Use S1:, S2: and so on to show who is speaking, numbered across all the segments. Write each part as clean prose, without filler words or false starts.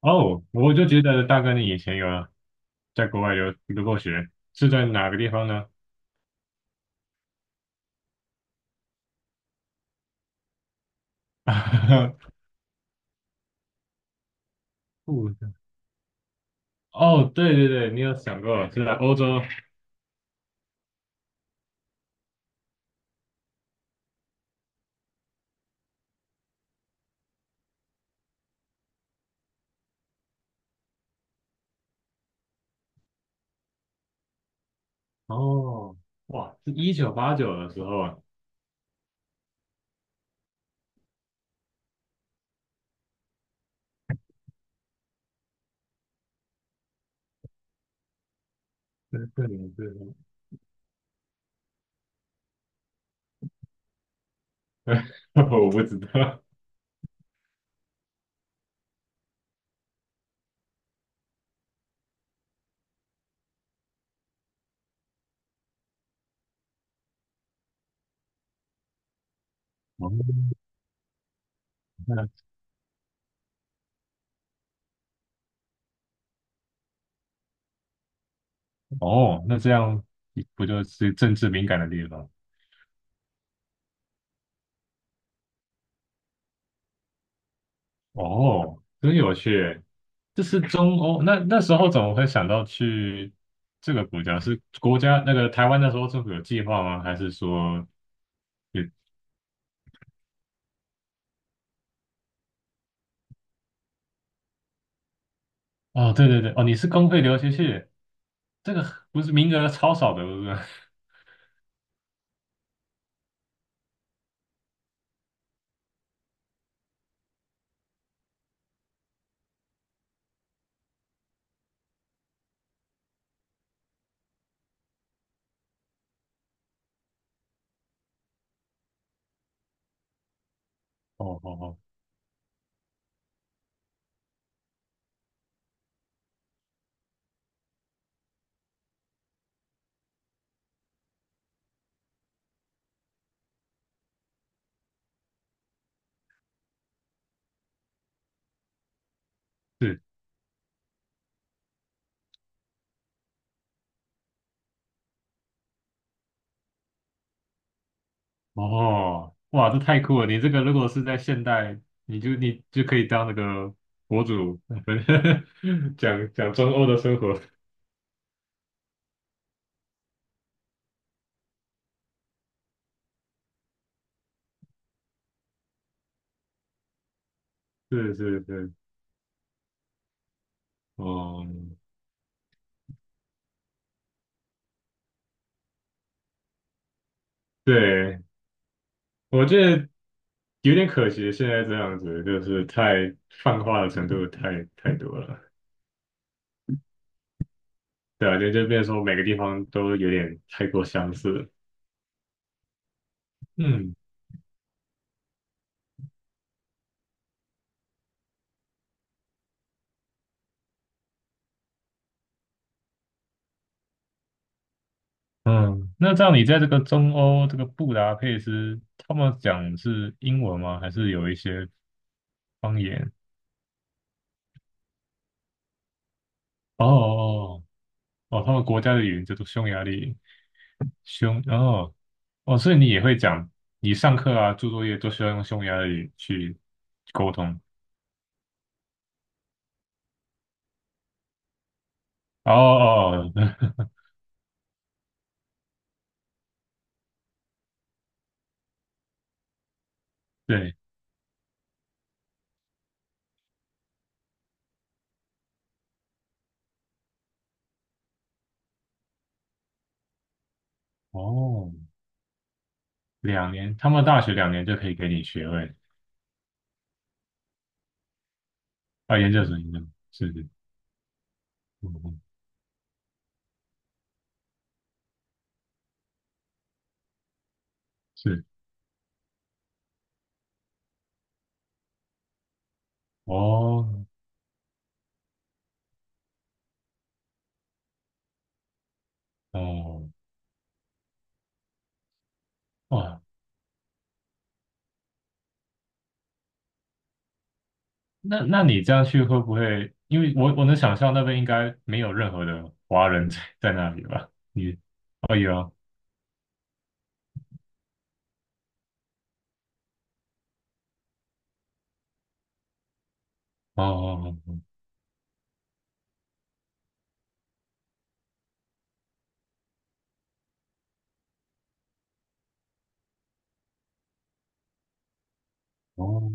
S1: 哦，我就觉得大哥你以前有在国外留过学，是在哪个地方呢？不是哦，对对对，你有想过是在欧洲？哦，哇，是1989的时候啊。对对对。对。 我不知道。哦，那这样不就是政治敏感的地方？哦，真有趣。这是中欧，那时候怎么会想到去这个国家？是国家那个台湾那时候政府有计划吗？还是说也哦，对对对。哦，你是公费留学去。这个不是名额超少的，不是？哦哦哦，是。哦，哇，这太酷了！你这个如果是在现代，你就可以当那个博主。讲讲中欧的生活。是是是，哦，对，我觉得。有点可惜，现在这样子就是太泛化的程度太多了。对啊，就变成说每个地方都有点太过相似了。嗯嗯，那这样你在这个中欧这个布达佩斯，他们讲是英文吗？还是有一些方言？哦哦哦。他们国家的语言叫做匈牙利。哦哦，所以你也会讲，你上课啊、做作业都需要用匈牙利去沟通。哦哦，哦。 对。哦，两年，他们大学两年就可以给你学位。啊，研究生，研究生是嗯嗯，是。哦，哦，哇，那你这样去会不会？因为我能想象那边应该没有任何的华人在那里吧？你，哦有啊，哦哦哦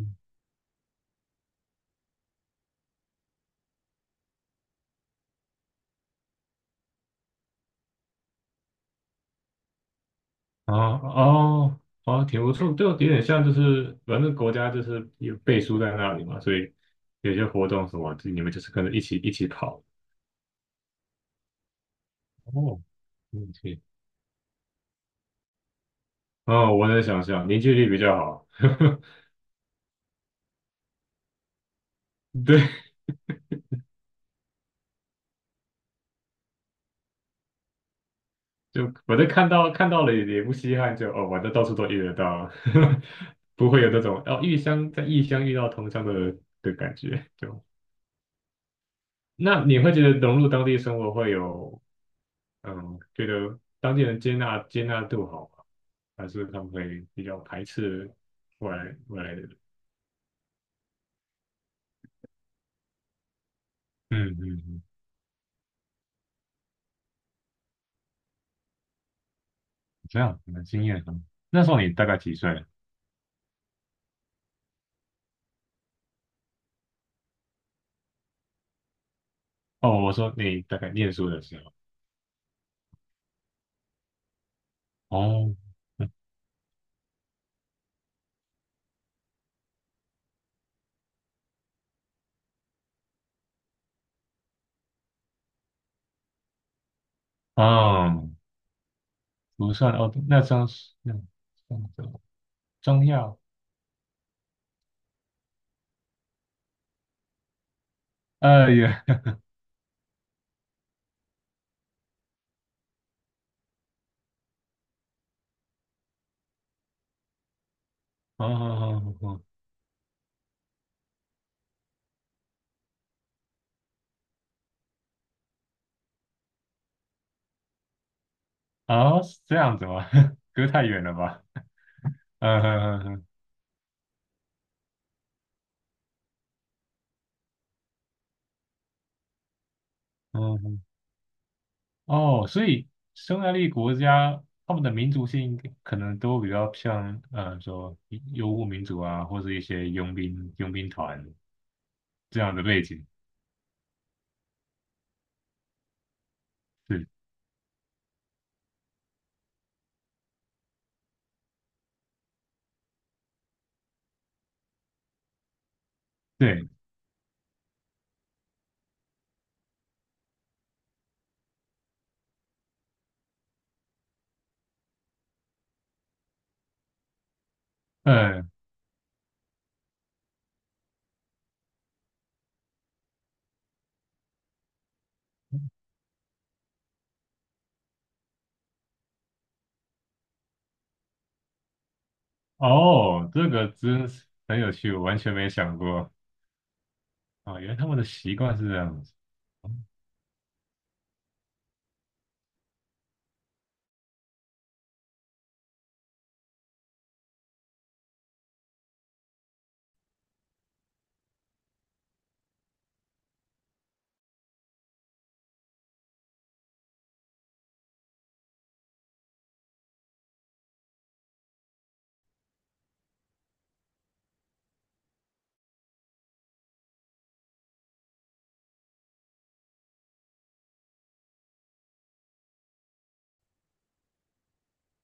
S1: 哦哦。哦挺不错，就有点像就是反正国家就是有背书在那里嘛，所以有些活动什么，你们就是跟着一起跑。哦，嗯，哦，我能想象凝聚力比较好。对，就我都看到了也不稀罕就，哦，我这到处都遇得到。不会有那种哦异乡在异乡遇到同乡的感觉。就那你会觉得融入当地生活会有觉得当地人接纳度好吗？还是他们会比较排斥外来的人？嗯嗯嗯，这样很惊艳啊！那时候你大概几岁？哦，我说你大概念书的时候。哦。嗯，不算哦，那张是那张的中药。哎呀。哦哦哦哦，哦，是这样子吗？隔太远了吧？嗯嗯嗯嗯，嗯。哦，所以匈牙利国家他们的民族性可能都比较像，说游牧民族啊，或者一些佣兵团这样的背景。对。对，嗯，哦，这个真是很有趣，我完全没想过。啊，原来他们的习惯是这样子。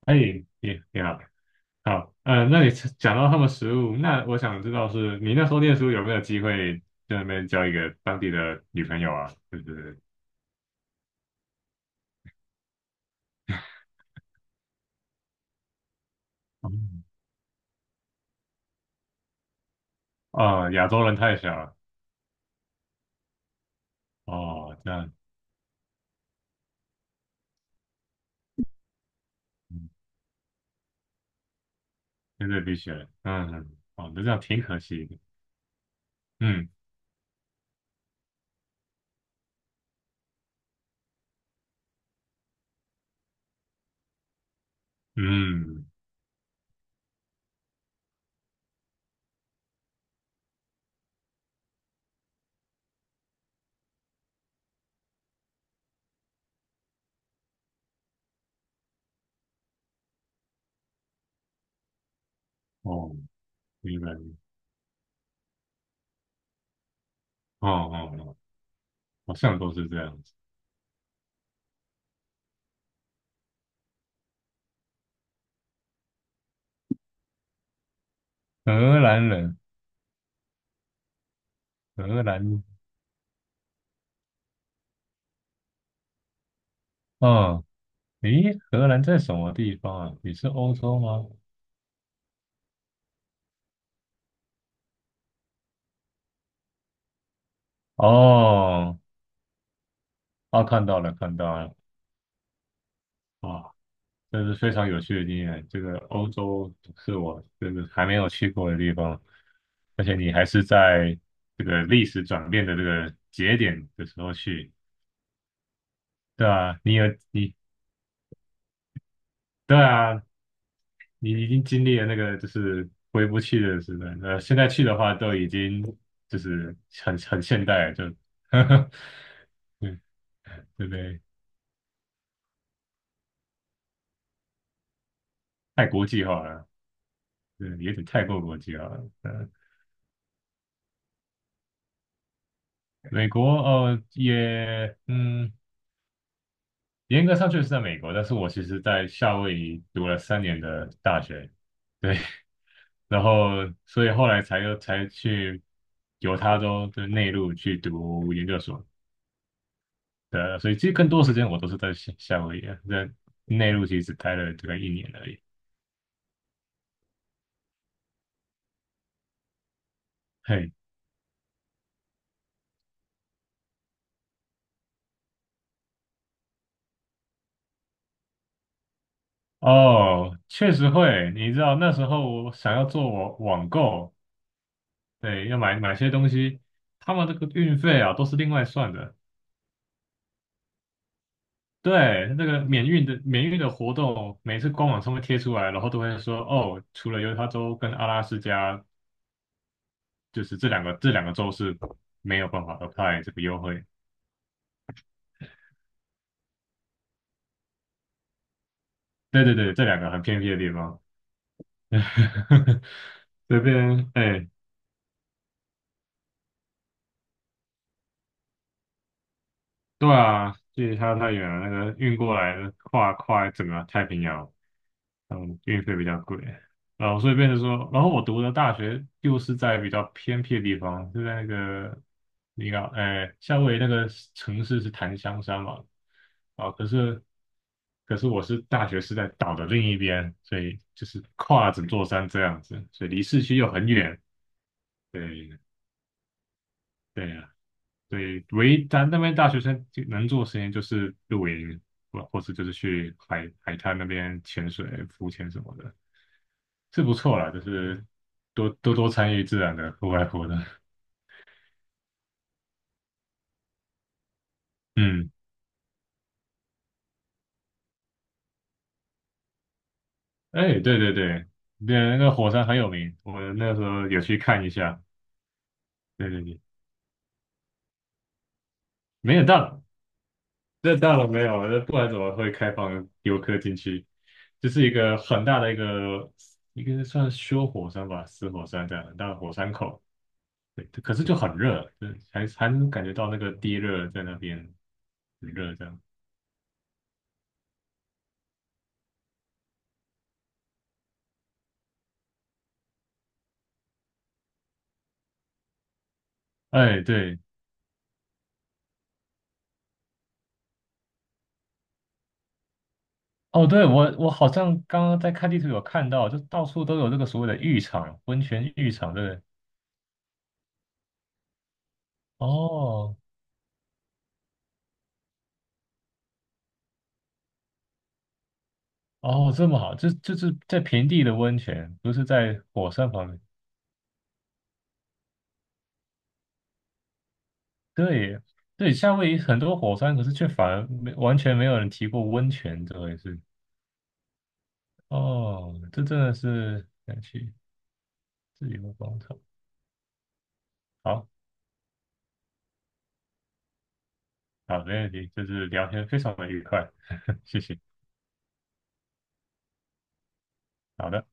S1: 哎，也你好。好，嗯，那你讲到他们食物，那我想知道是你那时候念书有没有机会在那边交一个当地的女朋友啊？就是，嗯。哦，啊，亚洲人太小了。哦，这样。嗯，真的必须。嗯，哦，那这样挺可惜的。嗯嗯，哦，明白。哦哦哦，好像都是这样子。荷兰人。荷兰。哦，诶，荷兰在什么地方啊？也是欧洲吗？哦。啊，看到了，看到了。啊，这是非常有趣的经验。这个欧洲是我这个还没有去过的地方，而且你还是在这个历史转变的这个节点的时候去。对啊，你有你，对啊，你已经经历了那个就是回不去的时代，那现在去的话都已经就是很现代了就。呵呵。对。对不对？太国际化了。对，有点太过国际化了。美国，严格上确实在美国，但是我其实在夏威夷读了3年的大学。对。然后所以后来才去犹他州的内陆去读研究所。对，所以其实更多时间我都是在夏威夷啊，在内陆其实只待了大概一年而已。嘿，哦，确实会，你知道那时候我想要做网购，对，要买些东西，他们这个运费啊都是另外算的。对，那个免运的活动，每次官网上面贴出来，然后都会说哦，除了犹他州跟阿拉斯加，就是这两个州是没有办法 apply 这个优惠。对对对，这两个很偏僻的地方。这边哎。对啊，距离它太远了，那个运过来的跨整个太平洋。嗯，运费比较贵，然后所以变成说，然后我读的大学又是在比较偏僻的地方，就在那个，你看，哎，夏威夷那个城市是檀香山嘛。啊，可是，我是大学是在岛的另一边，所以就是跨整座山这样子，所以离市区又很远。对。对呀。对，唯一咱那边大学生就能做的事情就是露营，或是就是去海滩那边潜水、浮潜什么的，是不错啦，就是多参与自然的户外活动。嗯，哎，对对对。对，那个火山很有名，我那时候有去看一下。对对对，没想到那大楼没有，那不然怎么会开放游客进去？就是一个很大的一个算修火山吧，死火山这样很大的火山口。对，可是就很热，对，还能感觉到那个地热在那边很热这样。哎，对。哦，对，我好像刚刚在看地图有看到，就到处都有这个所谓的浴场、温泉浴场，对不对？哦哦这么好，就是在平地的温泉，不是在火山旁边。对对，夏威夷很多火山，可是却反而没完全没有人提过温泉这回事。哦，这真的是想去自由广场。好好，没问题，就是聊天非常的愉快。谢谢。好的。